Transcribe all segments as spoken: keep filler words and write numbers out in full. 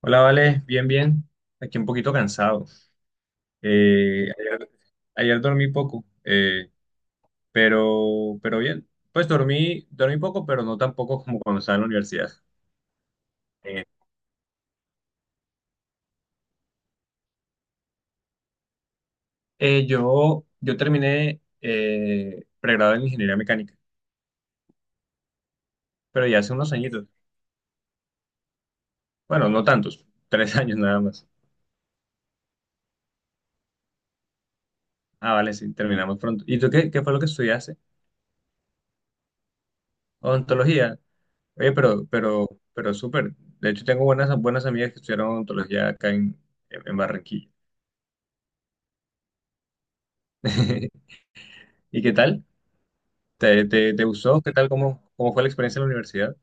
Hola, Vale, bien, bien. Aquí un poquito cansado. Eh, ayer, ayer dormí poco, eh, pero, pero bien. Pues dormí, dormí poco, pero no tan poco como cuando estaba en la universidad. Eh, eh, yo, yo terminé eh, pregrado en ingeniería mecánica, pero ya hace unos añitos. Bueno, no tantos, tres años nada más. Ah, vale, sí, terminamos pronto. ¿Y tú qué, qué fue lo que estudiaste? Odontología. Oye, pero, pero, pero súper. De hecho, tengo buenas, buenas amigas que estudiaron odontología acá en, en Barranquilla. ¿Y qué tal? ¿Te, te, te gustó? ¿Qué tal? ¿Cómo, cómo fue la experiencia en la universidad?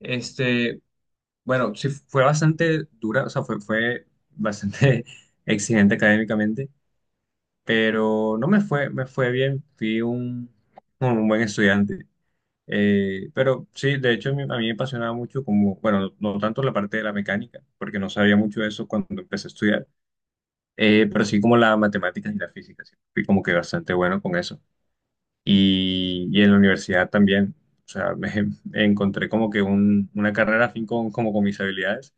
Este, bueno, sí, fue bastante dura, o sea, fue, fue bastante exigente académicamente, pero no me fue, me fue bien, fui un, un buen estudiante. Eh, pero sí, de hecho, a mí, a mí me apasionaba mucho como, bueno, no tanto la parte de la mecánica, porque no sabía mucho de eso cuando empecé a estudiar, eh, pero sí como la matemáticas y la física, sí, fui como que bastante bueno con eso. y, y en la universidad también. O sea, me me encontré como que un- una carrera afín con, como con mis habilidades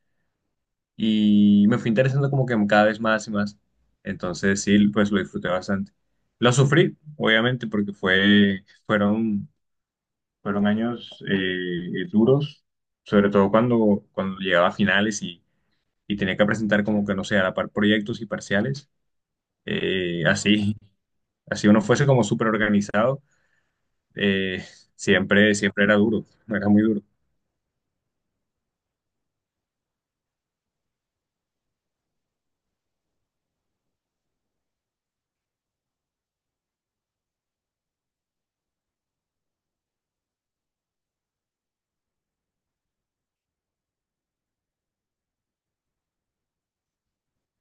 y me fui interesando como que cada vez más y más. Entonces sí, pues lo disfruté bastante. Lo sufrí, obviamente, porque fue, fueron, fueron años eh, eh, duros, sobre todo cuando, cuando llegaba a finales y, y tenía que presentar como que, no sé, a la par proyectos y parciales. Eh, así, así uno fuese como súper organizado, eh, siempre, siempre era duro, era muy duro.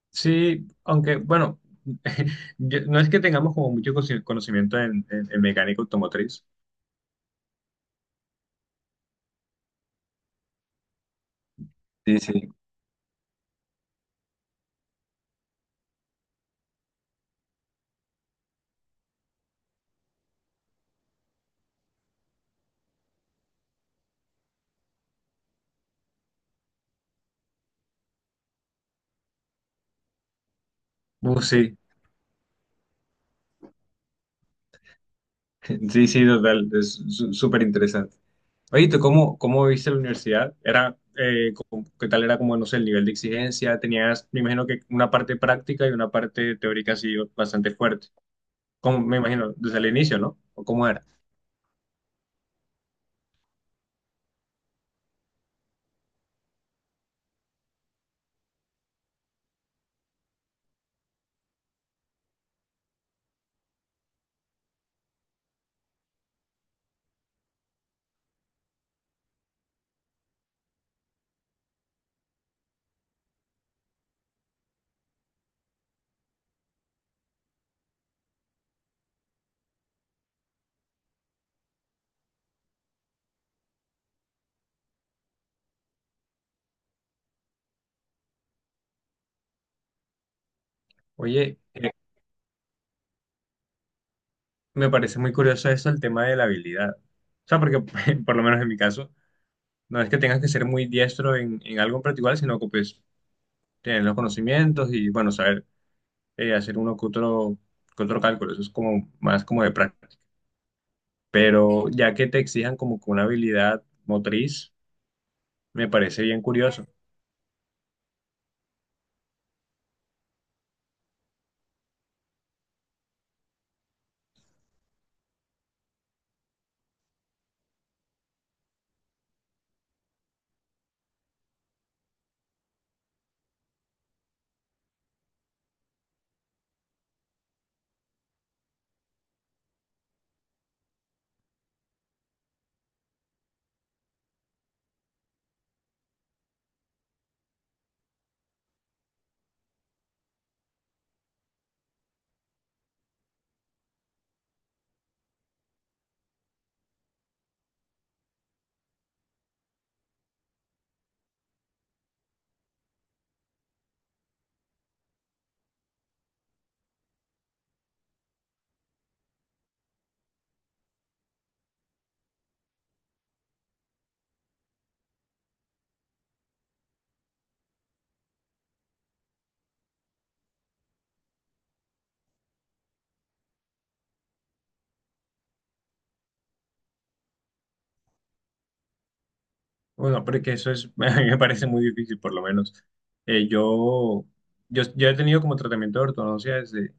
Sí, aunque bueno, yo- no es que tengamos como mucho cosi- conocimiento en, en- en mecánica automotriz. Sí, sí. Uh, sí, sí, sí, total, es su- súper interesante. Oye, ¿tú cómo, cómo viste la universidad? Era, eh, como- ¿qué tal era como, no sé, el nivel de exigencia? Tenías, me imagino que una parte práctica y una parte teórica así bastante fuerte. Como, me imagino, desde el inicio, ¿no? ¿O cómo era? Oye, eh, Me parece muy curioso eso, el tema de la habilidad. O sea, porque por lo menos en mi caso, no es que tengas que ser muy diestro en, en algo en particular, sino que pues tener los conocimientos y bueno, saber eh, hacer uno que otro, que otro cálculo. Eso es como más como de práctica. Pero ya que te exijan como que una habilidad motriz, me parece bien curioso. Bueno, porque eso es, a mí me parece muy difícil, por lo menos. Eh, yo, yo, yo he tenido como tratamiento de ortodoncia desde,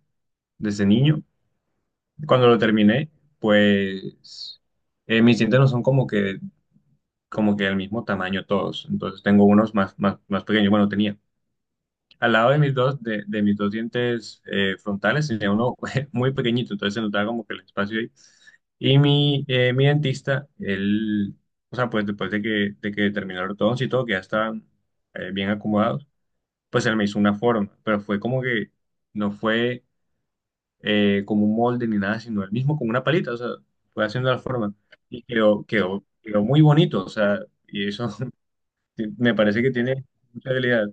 desde niño. Cuando lo terminé, pues eh, mis dientes no son como que, como que del mismo tamaño todos. Entonces tengo unos más, más, más pequeños. Bueno, tenía. Al lado de mis dos, de, de mis dos dientes eh, frontales tenía uno muy pequeñito, entonces se notaba como que el espacio ahí. Y mi, eh, mi dentista, él, o sea, pues después de que, de que terminaron todos y todo, que ya estaban eh, bien acomodados, pues él me hizo una forma, pero fue como que no fue eh, como un molde ni nada, sino el mismo con una palita, o sea, fue haciendo la forma. Y quedó, quedó, quedó muy bonito, o sea, y eso me parece que tiene mucha habilidad.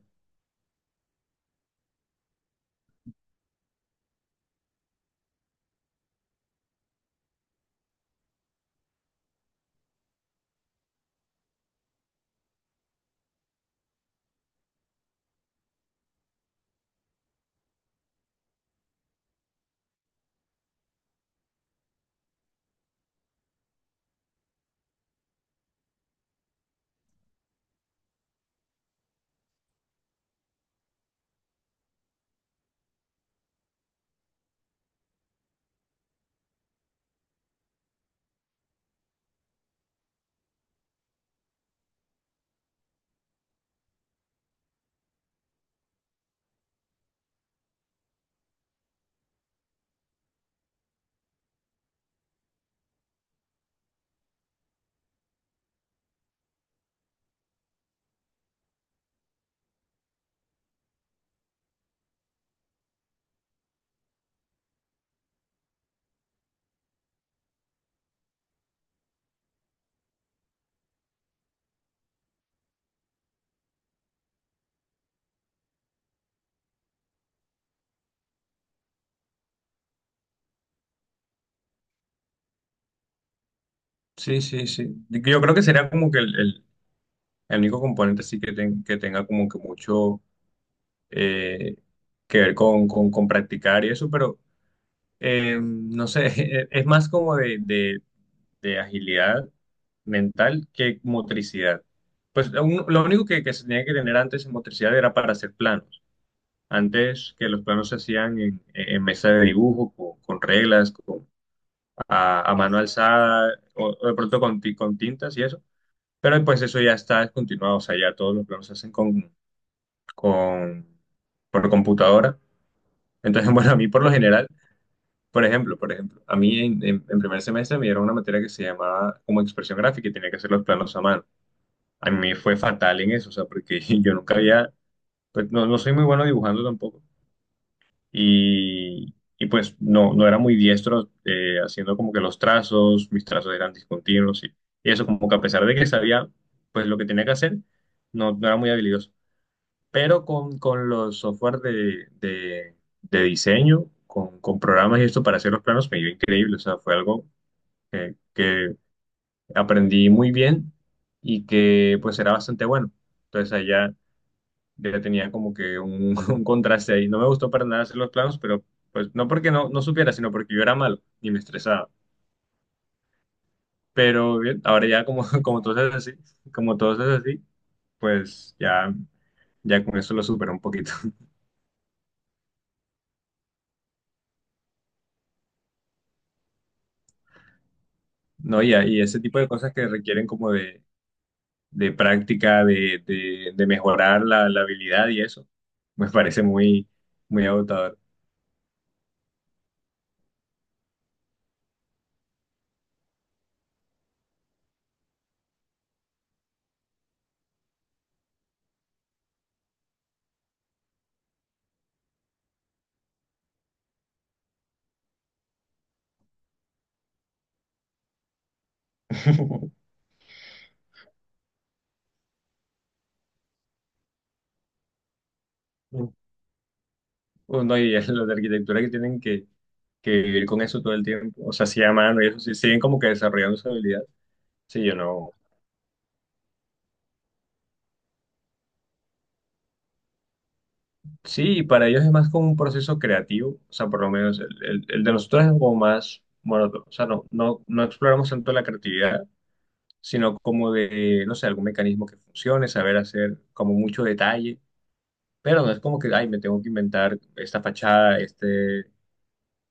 Sí, sí, sí. Yo creo que sería como que el, el- el único componente sí que, ten- que tenga como que mucho eh, que ver con, con, con practicar y eso, pero eh, no sé, es es más como de, de, de agilidad mental que motricidad. Pues lo un- lo único que, que se tenía que tener antes en motricidad era para hacer plano. Antes que los planos se hacían en, en mesa de dibujo, con, con reglas, con- a, a mano alzada, o, o de pronto con, ti- con tintas y eso. Pero pues eso ya está descontinuado, o sea, ya todos los planos se hacen con, con, por computadora. Entonces, bueno, a mí por lo general, por ejemplo, por ejemplo, a mí en, en- en primer semestre me dieron una materia que se llamaba como expresión gráfica y tenía que hacer los planos a mano. A mí me fue fatal en eso, o sea, porque yo nunca había, pues no, no soy muy bueno dibujando tampoco y, y pues no, no era muy diestro, eh, haciendo como que los trazos, mis trazos eran discontinuos y, y eso como que a pesar de que sabía pues lo que tenía que hacer, no, no era muy habilidoso. Pero con, con los software de, de, de diseño, con, con programas y esto para hacer los planos me iba increíble, o sea, fue algo que, que aprendí muy bien y que pues era bastante bueno. Entonces allá ya tenía como que un, un contraste ahí. No me gustó para nada hacer los planos, pero pues no porque no, no supiera, sino porque yo era malo y me estresaba. Pero bien, ahora ya como, como todo es así, como todo es así, pues ya, ya con eso lo supero un poquito. No, y, y ese tipo de cosas que requieren como de, de práctica, de, de, de mejorar la, la habilidad y eso, me parece muy, muy agotador. Bueno, y los de arquitectura que tienen que, que vivir con eso todo el tiempo, o sea, sí a mano y eso, sí, siguen como que desarrollando su habilidad. Sí, yo no. Sí, para ellos es más como un proceso creativo, o sea, por lo menos el, el- el de nosotros es como más monótono, o sea, no, no, no exploramos tanto la creatividad, sino como de, no sé, algún mecanismo que funcione, saber hacer como mucho detalle, pero no es como que, ay, me tengo que inventar esta fachada, este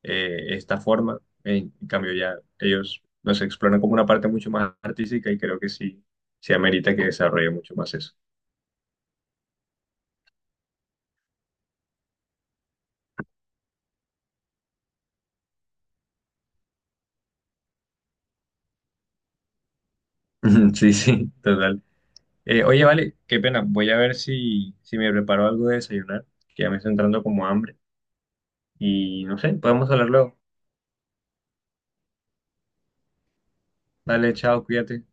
eh, esta forma. En cambio, ya ellos nos exploran como una parte mucho más artística y creo que sí, sí amerita que desarrolle mucho más eso. Sí, sí, total. Eh, oye, vale, qué pena. Voy a ver si, si me preparo algo de desayunar, que ya me está entrando como hambre. Y no sé, podemos hablar luego. Dale, chao, cuídate.